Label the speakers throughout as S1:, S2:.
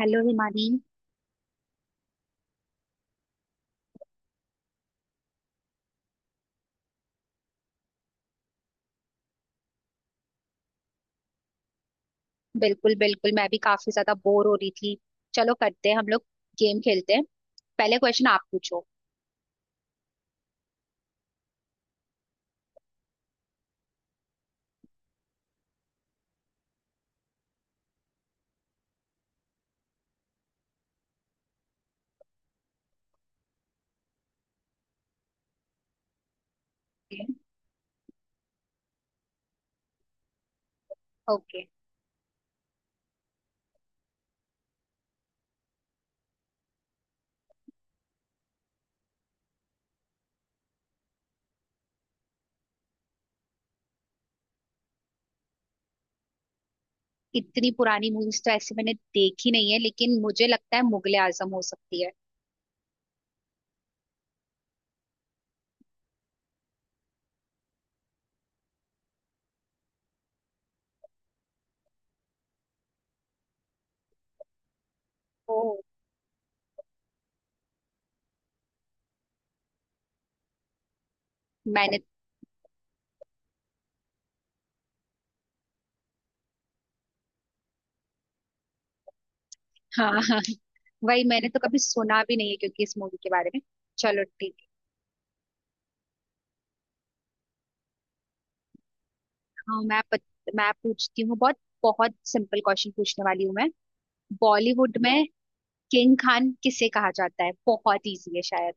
S1: Hello Himani. बिल्कुल बिल्कुल, मैं भी काफी ज्यादा बोर हो रही थी। चलो करते हैं हम लोग, गेम खेलते हैं। पहले क्वेश्चन आप पूछो। Okay okay. इतनी पुरानी मूवीज तो ऐसे मैंने देखी नहीं है, लेकिन मुझे लगता है मुगले आजम हो सकती है। ओ, मैंने हाँ हाँ, वही मैंने तो कभी सुना भी नहीं है क्योंकि इस मूवी के बारे में। चलो ठीक है। हाँ, मैं पूछती हूँ। बहुत बहुत सिंपल क्वेश्चन पूछने वाली हूँ मैं। बॉलीवुड में किंग खान किसे कहा जाता है? बहुत इजी है शायद।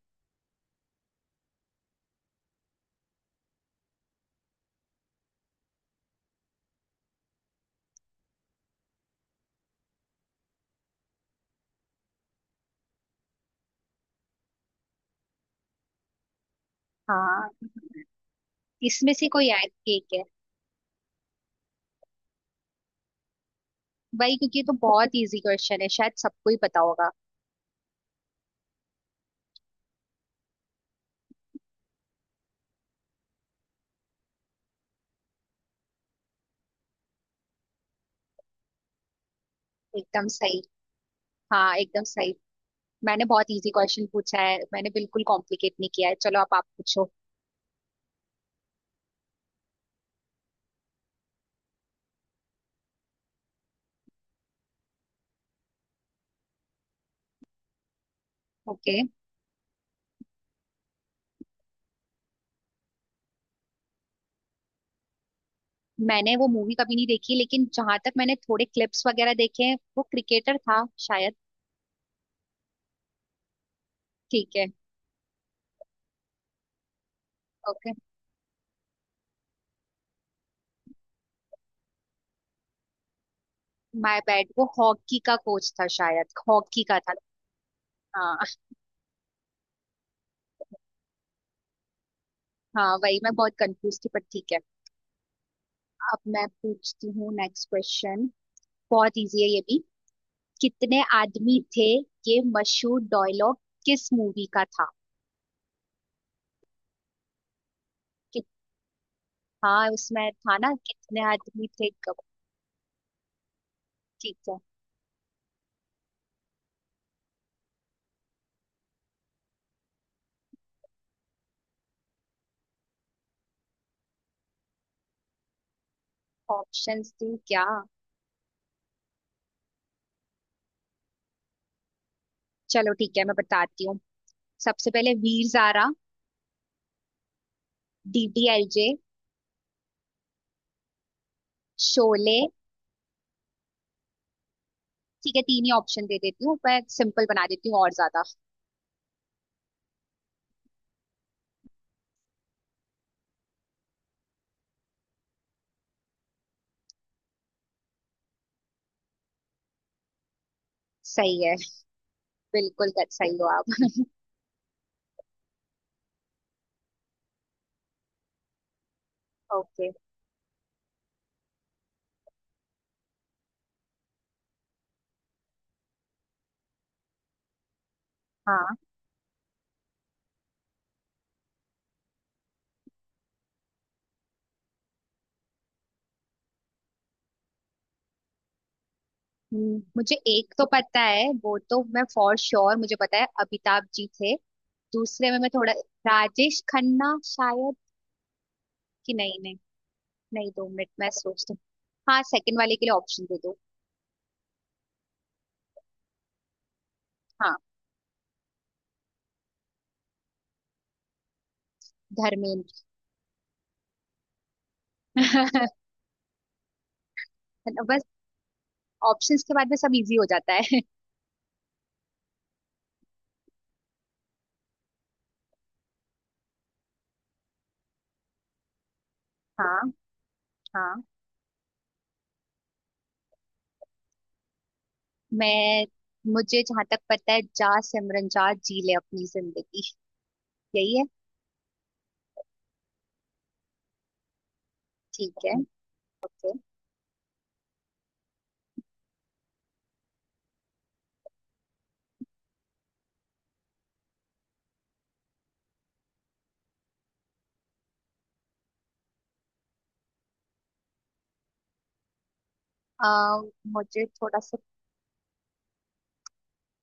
S1: हाँ, इसमें से कोई एक है। भाई, क्योंकि ये तो बहुत इजी क्वेश्चन है, शायद सबको ही पता होगा। एकदम सही। हाँ, एकदम सही। मैंने बहुत इजी क्वेश्चन पूछा है, मैंने बिल्कुल कॉम्प्लिकेट नहीं किया है। चलो अब आप पूछो। ओके। मैंने वो मूवी कभी नहीं देखी, लेकिन जहां तक मैंने थोड़े क्लिप्स वगैरह देखे हैं, वो क्रिकेटर था शायद। ठीक है। ओके। माय बैड, वो हॉकी का कोच था, शायद हॉकी का था। हाँ। हाँ, वही मैं बहुत कंफ्यूज थी, पर ठीक है। अब मैं पूछती हूँ नेक्स्ट क्वेश्चन। बहुत इजी है ये भी। कितने आदमी थे, ये मशहूर डायलॉग किस मूवी का था? कि, हाँ, उसमें था ना कितने आदमी थे कब। ठीक है। ऑप्शंस थी क्या? चलो ठीक है, मैं बताती हूँ। सबसे पहले वीर ज़ारा, डीडीएलजे, शोले। ठीक है, तीन ही ऑप्शन दे देती हूँ, पर सिंपल बना देती हूँ और ज्यादा। सही है। बिल्कुल सही हो आप। ओके। हाँ। मुझे एक तो पता है, वो तो मैं फॉर श्योर मुझे पता है, अमिताभ जी थे। दूसरे में मैं थोड़ा। राजेश खन्ना शायद। कि नहीं नहीं। नहीं, 2 मिनट मैं सोचती हूँ। हाँ, सेकंड वाले के लिए ऑप्शन दे दो। हाँ, धर्मेंद्र। बस, ऑप्शंस के बाद में सब इजी हो जाता है। हाँ। हाँ। मैं, मुझे जहां तक पता है, जा सिमरन जा जी ले अपनी जिंदगी, यही है। ठीक है। okay. आ, मुझे थोड़ा सा,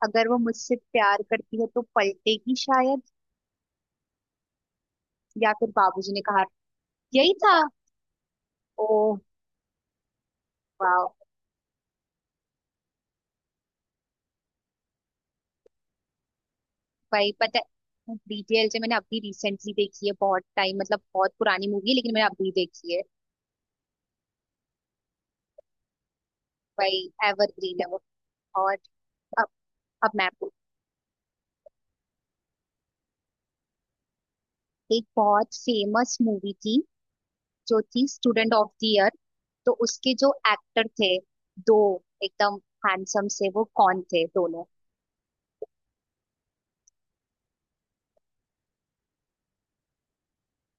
S1: अगर वो मुझसे प्यार करती है तो पलटेगी, शायद। या फिर बाबूजी ने कहा। यही था। ओ, वाह। भाई, पता है, डीटेल से मैंने अभी रिसेंटली देखी है, बहुत टाइम मतलब बहुत पुरानी मूवी है, लेकिन मैंने अभी देखी है। भाई, एवरग्रीन है वो। और। अब, मैं आपको एक बहुत फेमस मूवी थी, जो थी स्टूडेंट ऑफ द ईयर। तो उसके जो एक्टर थे, दो, एकदम हैंडसम से, वो कौन थे दोनों?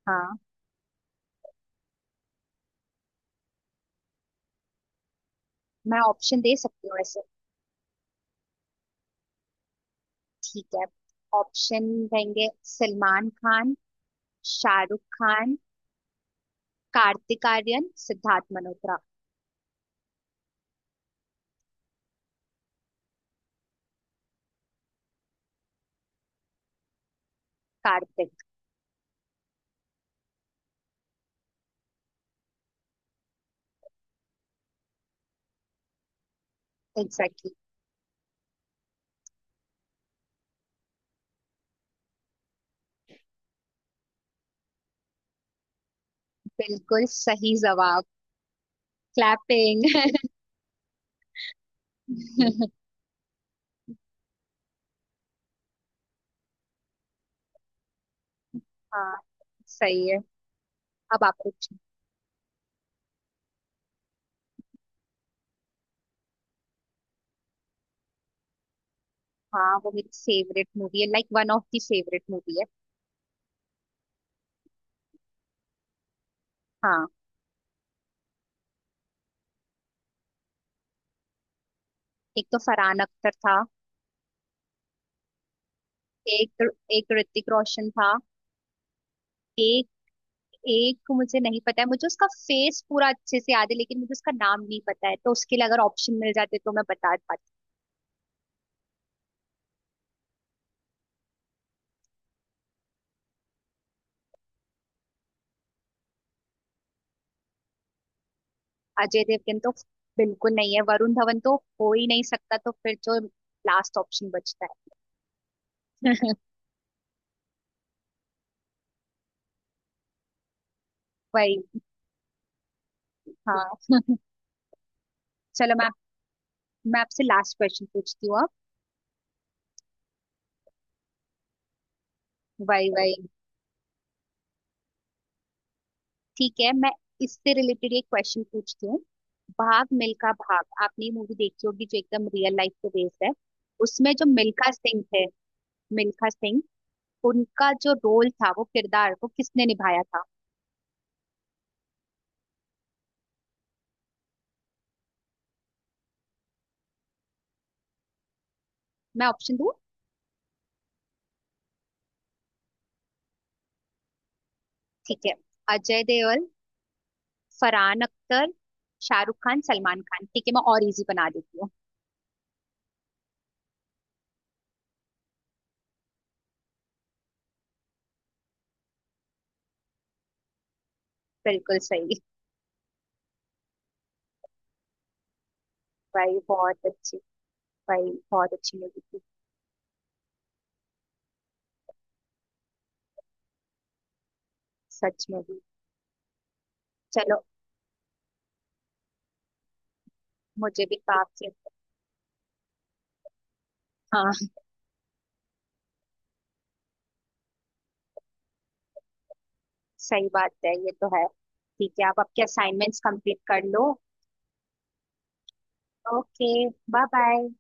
S1: हाँ, मैं ऑप्शन दे सकती हूँ वैसे। ठीक है। ऑप्शन रहेंगे सलमान खान, शाहरुख खान, कार्तिक आर्यन, सिद्धार्थ मल्होत्रा। कार्तिक। एग्जैक्टली। बिल्कुल सही जवाब। क्लैपिंग। हाँ, सही है। अब आप पूछो। हाँ, वो मेरी फेवरेट मूवी है, like 1 of the favourite movie है। हाँ, एक तो फरहान अख्तर था। एक, एक ऋतिक रोशन था। एक, एक मुझे नहीं पता है, मुझे उसका फेस पूरा अच्छे से याद है, लेकिन मुझे उसका नाम नहीं पता है, तो उसके लिए अगर ऑप्शन मिल जाते तो मैं बता पाती। अजय देवगन तो बिल्कुल नहीं है, वरुण धवन तो हो ही नहीं सकता, तो फिर जो लास्ट ऑप्शन बचता है, वही। हाँ। चलो, मैं आपसे लास्ट क्वेश्चन पूछती हूँ अब। Y Y. ठीक है, मैं इससे रिलेटेड एक क्वेश्चन पूछती हूँ। भाग मिल्खा भाग, आपने ये मूवी देखी होगी, जो एकदम रियल लाइफ पे बेस्ड है। उसमें जो मिल्खा सिंह है, मिल्खा सिंह, उनका जो रोल था, वो किरदार वो किसने निभाया था? मैं ऑप्शन दूँ? ठीक है, अजय देओल, फरहान अख्तर, शाहरुख खान, सलमान खान। ठीक है, मैं और इजी बना देती हूँ। बिल्कुल सही। भाई बहुत अच्छी। भाई, बहुत अच्छी मूवी थी। सच में भी। चलो, मुझे भी काफी। हाँ, सही बात है, ये तो है। ठीक है, आप आपके असाइनमेंट्स कंप्लीट कर लो। Okay, bye bye.